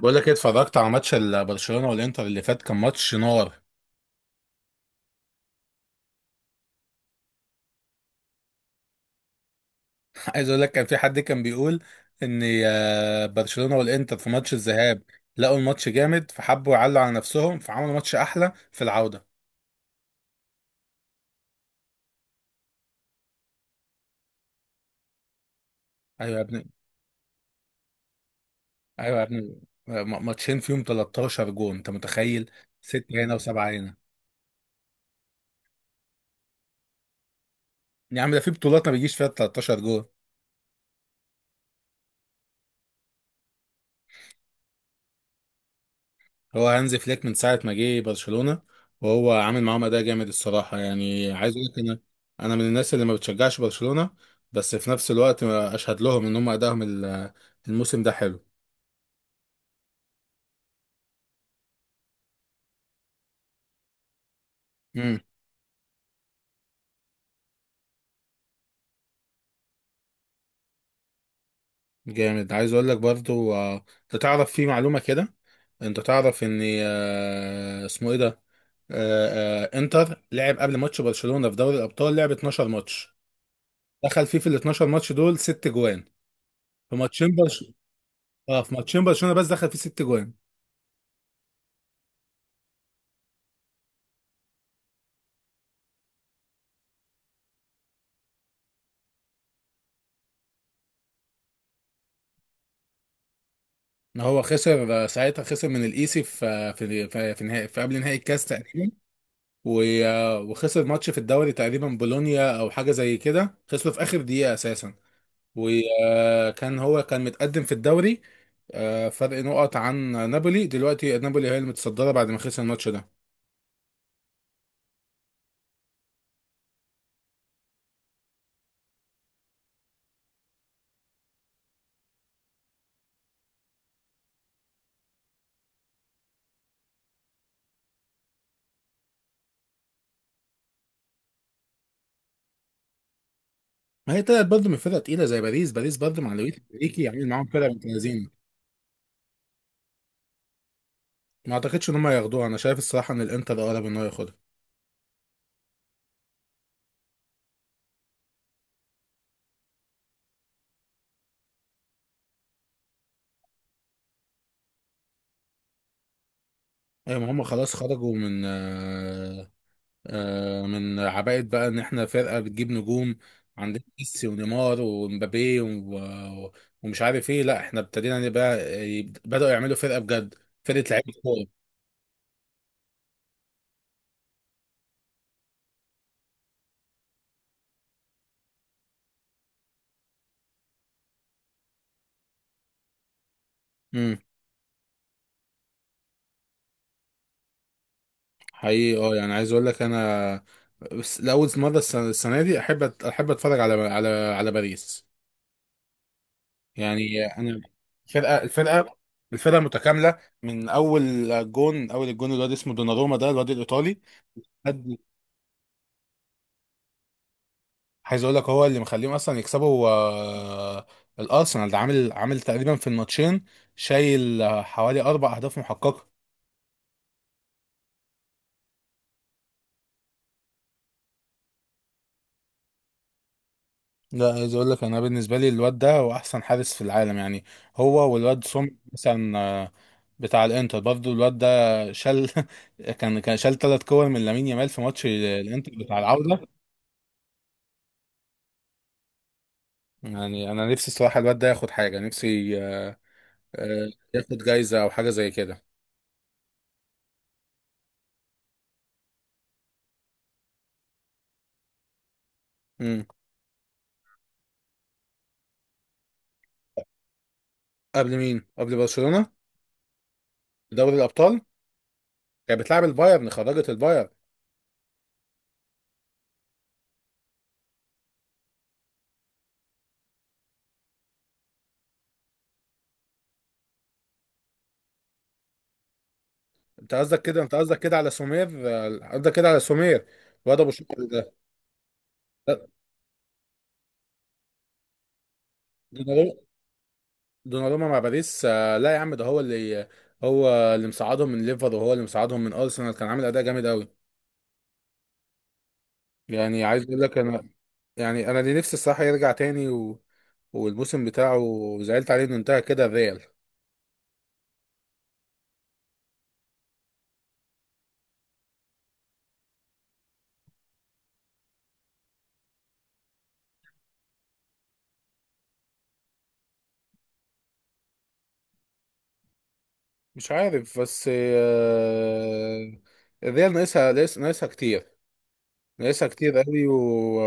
بقول لك ايه، اتفرجت على ماتش برشلونه والانتر اللي فات. كان ماتش نار. عايز اقول لك كان في حد كان بيقول ان برشلونه والانتر في ماتش الذهاب لقوا الماتش جامد فحبوا يعلوا على نفسهم فعملوا ماتش احلى في العوده. ايوه يا ابني، ايوه يا ابني. ماتشين فيهم 13 جون، انت متخيل؟ ستة هنا وسبعة هنا. يا عم ده في بطولات ما بيجيش فيها 13 جون. هو هانز فليك من ساعة ما جه برشلونة، وهو عامل معاهم أداء جامد الصراحة. يعني عايز أقول لك، أنا من الناس اللي ما بتشجعش برشلونة، بس في نفس الوقت أشهد لهم إن هم أدائهم الموسم ده حلو. امم جامد. عايز أقول لك برضو، أنت تعرف في معلومة كده، أنت تعرف إن اسمه إيه ده، إنتر لعب قبل ماتش برشلونة في دوري الأبطال لعب 12 ماتش، دخل فيه في ال 12 ماتش دول ست جوان. في ماتشين برش... اه في ماتشين برشلونة بس دخل فيه ست جوان. هو خسر ساعتها، خسر من الايسي في قبل نهائي الكاس تقريبا. وخسر ماتش في الدوري تقريبا بولونيا او حاجه زي كده، خسره في اخر دقيقه اساسا. وكان هو كان متقدم في الدوري. فرق نقط عن نابولي. دلوقتي نابولي هي المتصدره بعد ما خسر الماتش ده. ما هي طلعت برضه من فرقه تقيله زي باريس. باريس برضه مع لويس انريكي عامل معاهم فرقه متميزين. ما اعتقدش ان هم ياخدوها. انا شايف الصراحه ان الانتر اقرب ان هو ياخدها. ايوه ما هم خلاص خرجوا من آه، آه، من عباءة بقى ان احنا فرقة بتجيب نجوم، عندنا ميسي ونيمار ومبابي ومش عارف ايه. لا احنا ابتدينا نبقى، بدأوا يعملوا فرقة بجد، فرقة لعيبة كورة. امم حقيقي. اه يعني عايز اقول لك انا، بس لأول مرة السنة دي احب، احب اتفرج على باريس. يعني انا الفرقة الفرقة الفرقة متكاملة، من أول جون، أول الجون الواد اسمه دوناروما ده، الواد الإيطالي. عايز اقول لك هو اللي مخليهم اصلا يكسبوا. الارسنال ده عامل تقريبا في الماتشين، شايل حوالي اربع اهداف محققه. لا عايز اقول لك انا بالنسبه لي الواد ده هو احسن حارس في العالم يعني، هو والواد سوم مثلا، بتاع الانتر برضه الواد ده، شال كان شال ثلاث كور من لامين يامال في ماتش الانتر بتاع العوده. يعني انا نفسي الصراحه الواد ده ياخد حاجه، نفسي ياخد جايزه او حاجه زي كده. مم. قبل مين؟ قبل برشلونه دوري الابطال كانت بتلعب البايرن. خرجت البايرن. انت قصدك كده على سومير، قصدك كده على سومير، الواد ابو شكر ده. لا، دوناروما دوناروما مع باريس. لا يا عم ده هو اللي مساعدهم من ليفر، وهو اللي مساعدهم من ارسنال، كان عامل اداء جامد قوي. يعني عايز اقول لك انا، يعني انا اللي نفسي الصراحه يرجع تاني والموسم بتاعه. زعلت عليه انه انتهى كده الريال. مش عارف، بس الريال ناقصها كتير، ناقصها كتير قوي،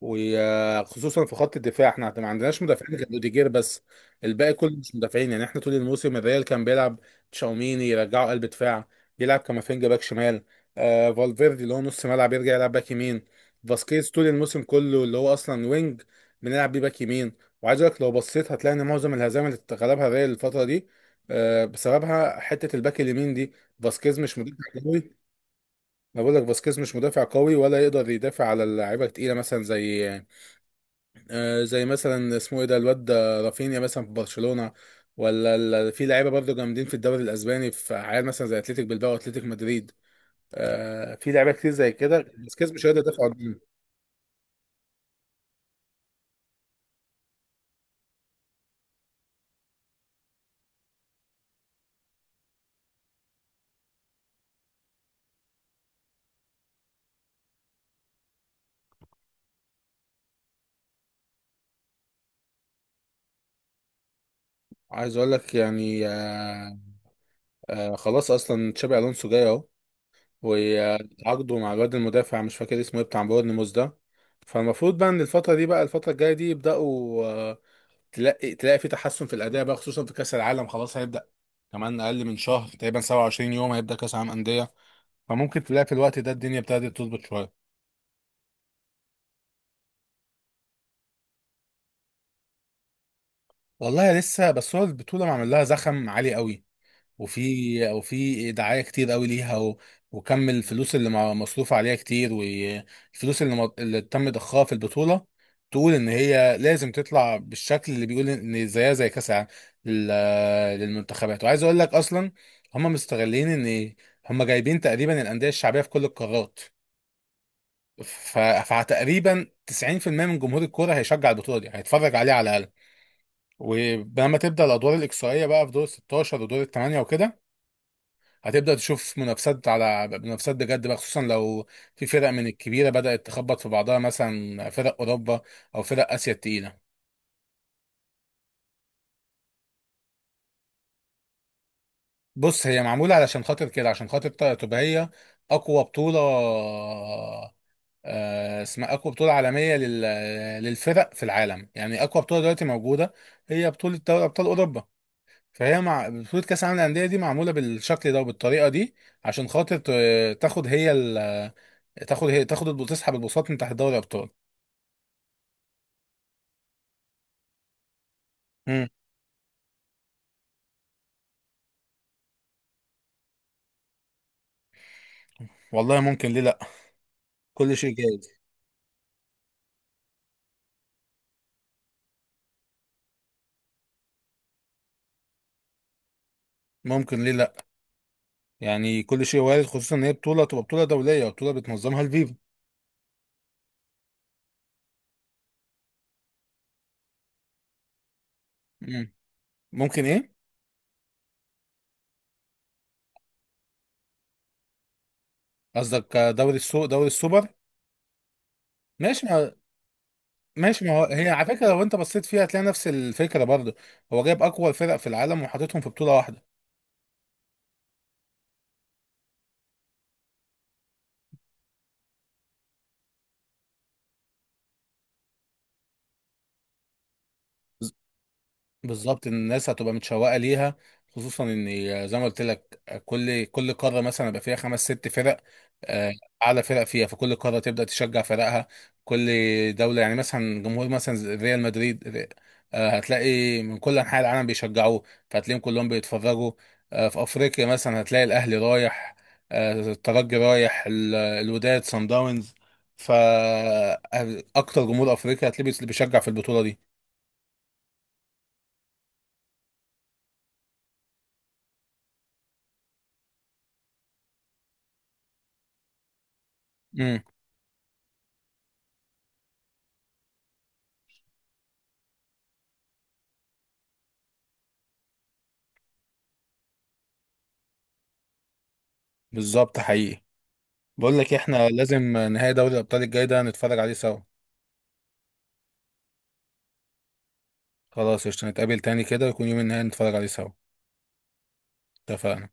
وخصوصا في خط الدفاع. احنا ما عندناش مدافعين غير اوديجير بس. الباقي كله مش مدافعين. يعني احنا طول الموسم الريال كان بيلعب تشاوميني يرجعه قلب دفاع، يلعب كامافينجا باك شمال، فالفيردي اللي هو نص ملعب يرجع يلعب باك يمين، فاسكيز طول الموسم كله اللي هو اصلا وينج بنلعب بيه باك يمين. وعايز اقول لك لو بصيت هتلاقي ان معظم الهزائم اللي غلبها الريال الفتره دي بسببها حته الباك اليمين دي. فاسكيز مش مدافع قوي. ما بقول لك فاسكيز مش مدافع قوي، ولا يقدر يدافع على اللعيبه التقيله، مثلا زي مثلا اسمه ايه ده الواد ده رافينيا مثلا في برشلونة، ولا في لعيبه برضه جامدين في الدوري الاسباني. في عيال مثلا زي اتلتيك بلباو واتلتيك مدريد، في لعيبه كتير زي كده، بس كاس مش هيقدر يدافع عنهم. عايز اقول لك يعني، خلاص اصلا تشابي الونسو جاي اهو، وعقده مع الواد المدافع مش فاكر اسمه ايه بتاع بورنموث ده. فالمفروض بقى ان الفتره دي، بقى الفتره الجايه دي يبداوا، تلاقي في تحسن في الاداء بقى، خصوصا في كاس العالم خلاص هيبدا كمان اقل من شهر تقريبا. 27 يوم هيبدا كاس عالم انديه. فممكن تلاقي في الوقت ده الدنيا ابتدت تظبط شويه. والله لسه، بس هو البطوله معمل لها زخم عالي قوي، وفي دعايه كتير قوي ليها، و... وكم الفلوس اللي مصروف عليها كتير، والفلوس اللي تم ضخها في البطوله تقول ان هي لازم تطلع بالشكل اللي بيقول ان زيها زي كاس العالم لل... للمنتخبات. وعايز اقول لك اصلا، هم مستغلين ان هم جايبين تقريبا الانديه الشعبيه في كل القارات، فتقريبا 90% من جمهور الكوره هيشجع البطوله دي، هيتفرج عليها على الاقل. ولما تبدا الادوار الاقصائيه بقى، في دور 16 ودور الثمانيه وكده، هتبدأ تشوف منافسات على منافسات بجد بقى، خصوصا لو في فرق من الكبيرة بدأت تخبط في بعضها، مثلا فرق أوروبا أو فرق آسيا التقيلة. بص هي معمولة علشان خاطر كده، عشان خاطر تبقى هي أقوى بطولة، اسمها أقوى بطولة عالمية للفرق في العالم. يعني أقوى بطولة دلوقتي موجودة هي بطولة دوري أبطال أوروبا. فهي مع بطولة كأس العالم للأندية دي معمولة بالشكل ده وبالطريقة دي عشان خاطر تاخد هي ال... تاخد هي تاخد الب- تسحب البساط من تحت دوري الأبطال. امم والله ممكن، ليه لا؟ كل شيء جايز. ممكن ليه لا، يعني كل شيء وارد، خصوصا ان هي بطوله تبقى بطوله دوليه وبطوله بتنظمها الفيفا. امم ممكن ايه. قصدك دوري السوبر. ماشي ما ماشي ما هو هي على فكره لو انت بصيت فيها هتلاقي نفس الفكره برضه. هو جايب اقوى الفرق في العالم وحاططهم في بطوله واحده. بالظبط إن الناس هتبقى متشوقه ليها، خصوصا ان زي ما قلت لك كل قاره مثلا يبقى فيها خمس ست فرق، آه، اعلى فرق فيها، فكل قاره تبدا تشجع فرقها. كل دوله يعني، مثلا جمهور مثلا زي ريال مدريد، هتلاقي من كل انحاء العالم بيشجعوه، فهتلاقيهم كلهم بيتفرجوا، في افريقيا مثلا هتلاقي الاهلي رايح، الترجي رايح، الوداد، سان داونز. فاكتر جمهور افريقيا هتلاقيه بيشجع في البطوله دي. امم بالظبط. حقيقي. بقول لك إيه، احنا لازم نهائي دوري الابطال الجاي ده نتفرج عليه سوا. خلاص قشطة، نتقابل تاني كده ويكون يوم النهائي نتفرج عليه سوا. اتفقنا.